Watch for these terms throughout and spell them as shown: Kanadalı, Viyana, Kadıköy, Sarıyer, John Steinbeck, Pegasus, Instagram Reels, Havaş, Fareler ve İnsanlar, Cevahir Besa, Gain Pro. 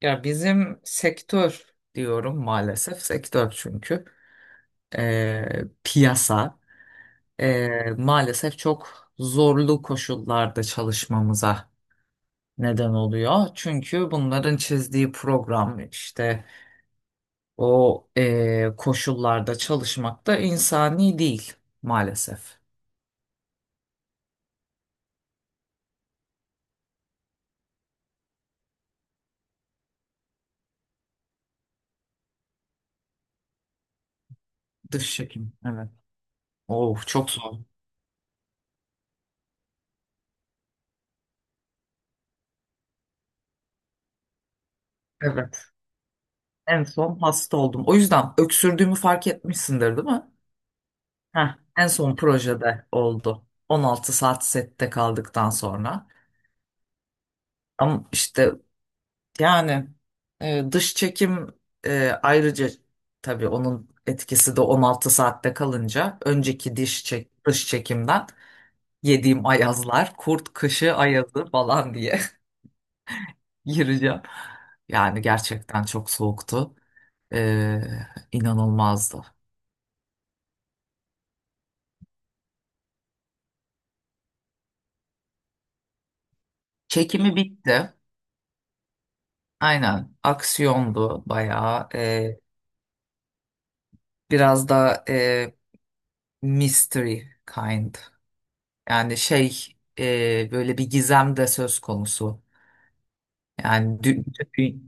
Ya bizim sektör diyorum, maalesef sektör, çünkü piyasa maalesef çok zorlu koşullarda çalışmamıza neden oluyor. Çünkü bunların çizdiği program işte o koşullarda çalışmak da insani değil maalesef. Dış çekim, evet. Oh, çok zor. Evet. En son hasta oldum. O yüzden öksürdüğümü fark etmişsindir değil mi? Heh, en son projede oldu. 16 saat sette kaldıktan sonra. Ama işte yani dış çekim, ayrıca tabii onun etkisi de 16 saatte kalınca önceki dış çekimden yediğim ayazlar, kurt kışı ayazı falan diye gireceğim. Yani gerçekten çok soğuktu. E, inanılmazdı. Çekimi bitti. Aynen, aksiyondu bayağı. E, Biraz da mystery kind. Yani şey, böyle bir gizem de söz konusu. Yani dü- dü-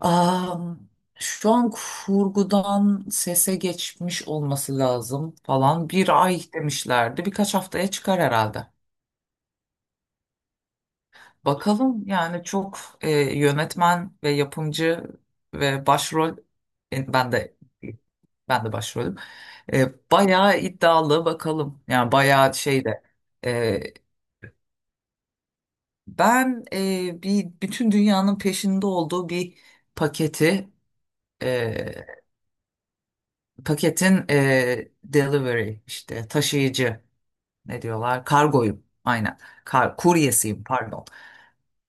Am, Şu an kurgudan sese geçmiş olması lazım falan. 1 ay demişlerdi. Birkaç haftaya çıkar herhalde. Bakalım, yani çok yönetmen ve yapımcı ve başrol, e, ben de ben de başrolüm. E, bayağı iddialı bakalım. Yani bayağı şey de, e, ben bir bütün dünyanın peşinde olduğu bir paketi, e, paketin, delivery, işte taşıyıcı, ne diyorlar, kargoyum, aynen. Kuryesiyim pardon.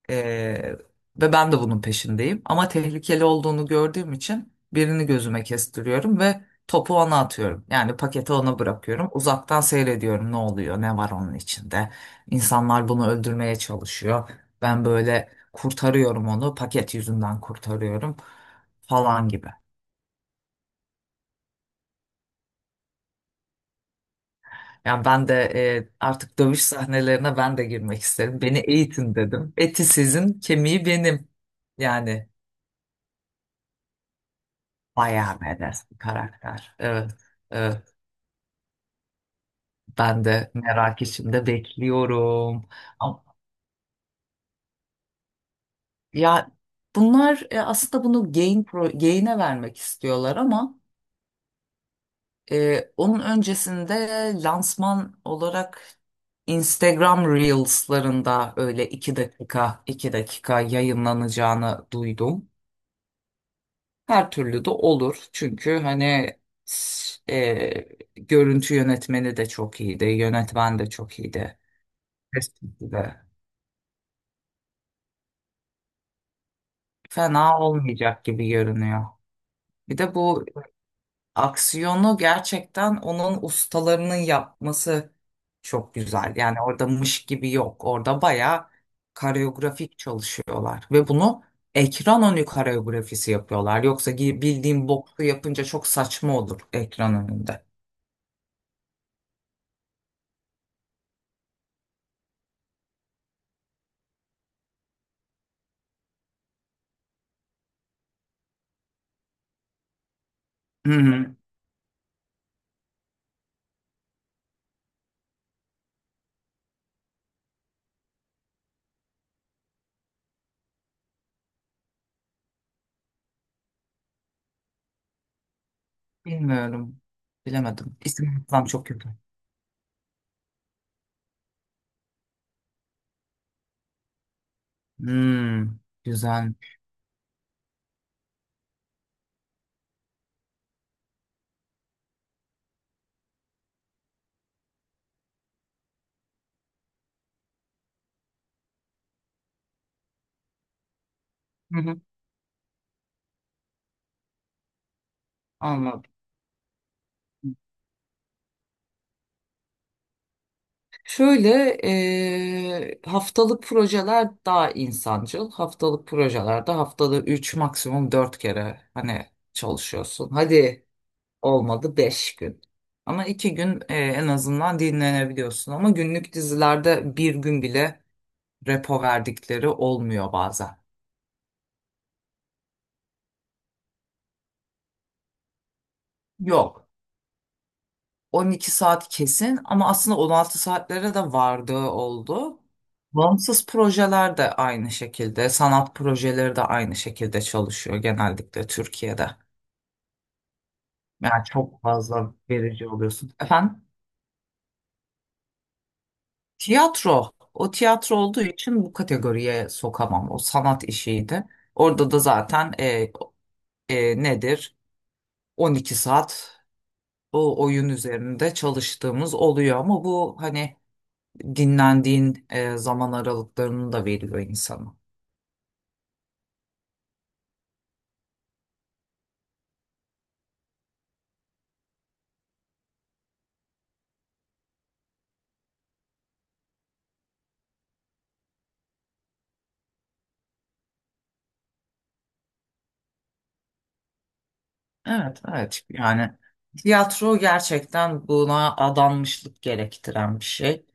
Ee, ve ben de bunun peşindeyim. Ama tehlikeli olduğunu gördüğüm için birini gözüme kestiriyorum ve topu ona atıyorum. Yani paketi ona bırakıyorum. Uzaktan seyrediyorum ne oluyor, ne var onun içinde. İnsanlar bunu öldürmeye çalışıyor. Ben böyle kurtarıyorum onu, paket yüzünden kurtarıyorum falan gibi. Yani ben de artık dövüş sahnelerine ben de girmek isterim. Beni eğitin dedim. Eti sizin, kemiği benim. Yani, bayağı badass bir karakter. Evet, evet. Ben de merak içinde bekliyorum. Ama- Ya bunlar aslında bunu Gain'e vermek istiyorlar ama onun öncesinde lansman olarak Instagram Reels'larında öyle 2 dakika 2 dakika yayınlanacağını duydum. Her türlü de olur. Çünkü hani s- e, görüntü yönetmeni de çok iyiydi, yönetmen de çok iyiydi. Kesinlikle. Fena olmayacak gibi görünüyor. Bir de bu aksiyonu gerçekten onun ustalarının yapması çok güzel. Yani orada mış gibi yok. Orada bayağı koreografik çalışıyorlar. Ve bunu ekran önü koreografisi yapıyorlar. Yoksa bildiğim boksu yapınca çok saçma olur ekran önünde. Hı-hı. Bilmiyorum. Bilemedim. İsim hafızam çok kötü. Hmm, güzel. Hı-hı. Anladım. Şöyle haftalık projeler daha insancıl. Haftalık projelerde haftada 3, maksimum 4 kere hani çalışıyorsun. Hadi olmadı 5 gün. Ama 2 gün en azından dinlenebiliyorsun. Ama günlük dizilerde bir gün bile repo verdikleri olmuyor bazen. Yok, 12 saat kesin, ama aslında 16 saatlere de vardığı oldu. Bağımsız projeler de aynı şekilde, sanat projeleri de aynı şekilde çalışıyor genellikle Türkiye'de. Yani çok fazla verici oluyorsun. Efendim, tiyatro. O tiyatro olduğu için bu kategoriye sokamam. O sanat işiydi. Orada da zaten nedir, 12 saat o oyun üzerinde çalıştığımız oluyor, ama bu hani dinlendiğin zaman aralıklarını da veriyor insana. Evet, evet. Yani tiyatro gerçekten buna adanmışlık gerektiren bir şey.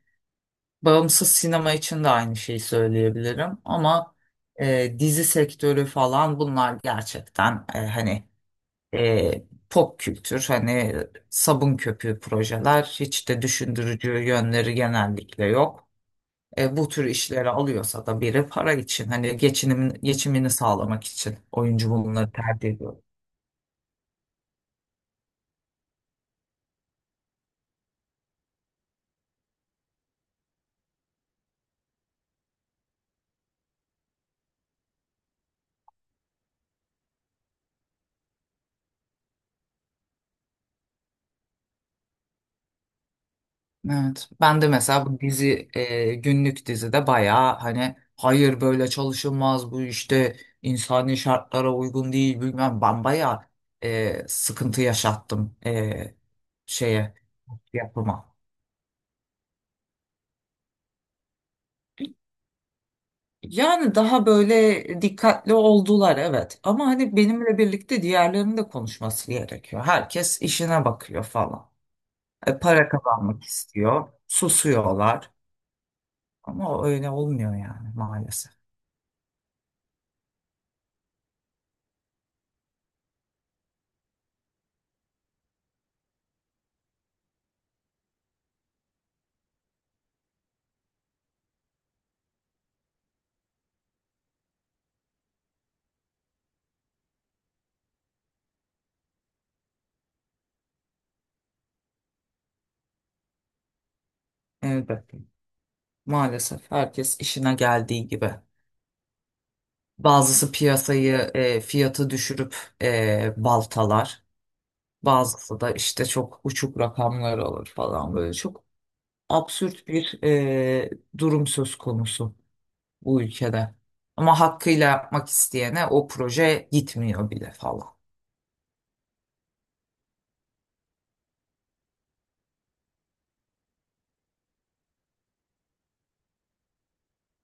Bağımsız sinema için de aynı şeyi söyleyebilirim, ama dizi sektörü falan, bunlar gerçekten, hani e, pop kültür, hani sabun köpüğü projeler, hiç de düşündürücü yönleri genellikle yok. E, bu tür işleri alıyorsa da biri para için, hani geçimini sağlamak için oyuncu bunları tercih ediyor. Evet. Ben de mesela bu dizi, günlük dizide, bayağı hani hayır, böyle çalışılmaz bu işte, insani şartlara uygun değil bilmem, ben bayağı sıkıntı yaşattım şeye, yapıma. Yani daha böyle dikkatli oldular, evet, ama hani benimle birlikte diğerlerinin de konuşması gerekiyor. Herkes işine bakıyor falan. E, para kazanmak istiyor. Susuyorlar. Ama öyle olmuyor yani maalesef. Elbette. Maalesef herkes işine geldiği gibi. Bazısı piyasayı, fiyatı düşürüp baltalar. Bazısı da işte çok uçuk rakamlar alır falan böyle. Çok absürt bir durum söz konusu bu ülkede. Ama hakkıyla yapmak isteyene o proje gitmiyor bile falan.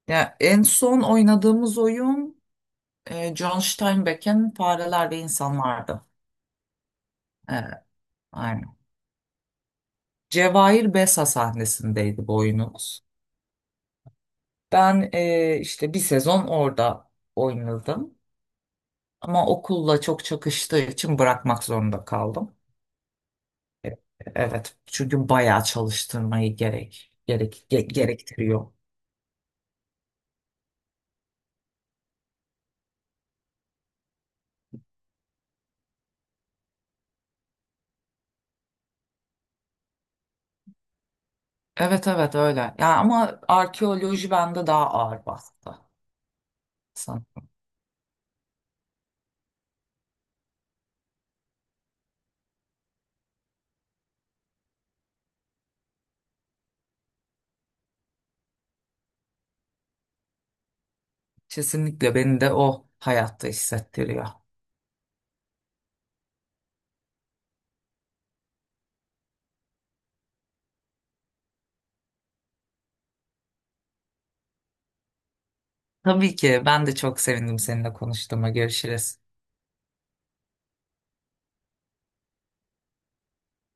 Ya en son oynadığımız oyun, John Steinbeck'in Fareler ve İnsanlardı. E, aynen. Cevahir Besa sahnesindeydi bu oyunumuz. Ben işte bir sezon orada oynadım. Ama okulla çok çakıştığı için bırakmak zorunda kaldım. Evet, çünkü bayağı çalıştırmayı gerektiriyor. Evet, evet, öyle. Ya ama arkeoloji bende daha ağır bastı. Sanırım. Kesinlikle beni de o hayatta hissettiriyor. Tabii ki ben de çok sevindim seninle konuştuğuma. Görüşürüz.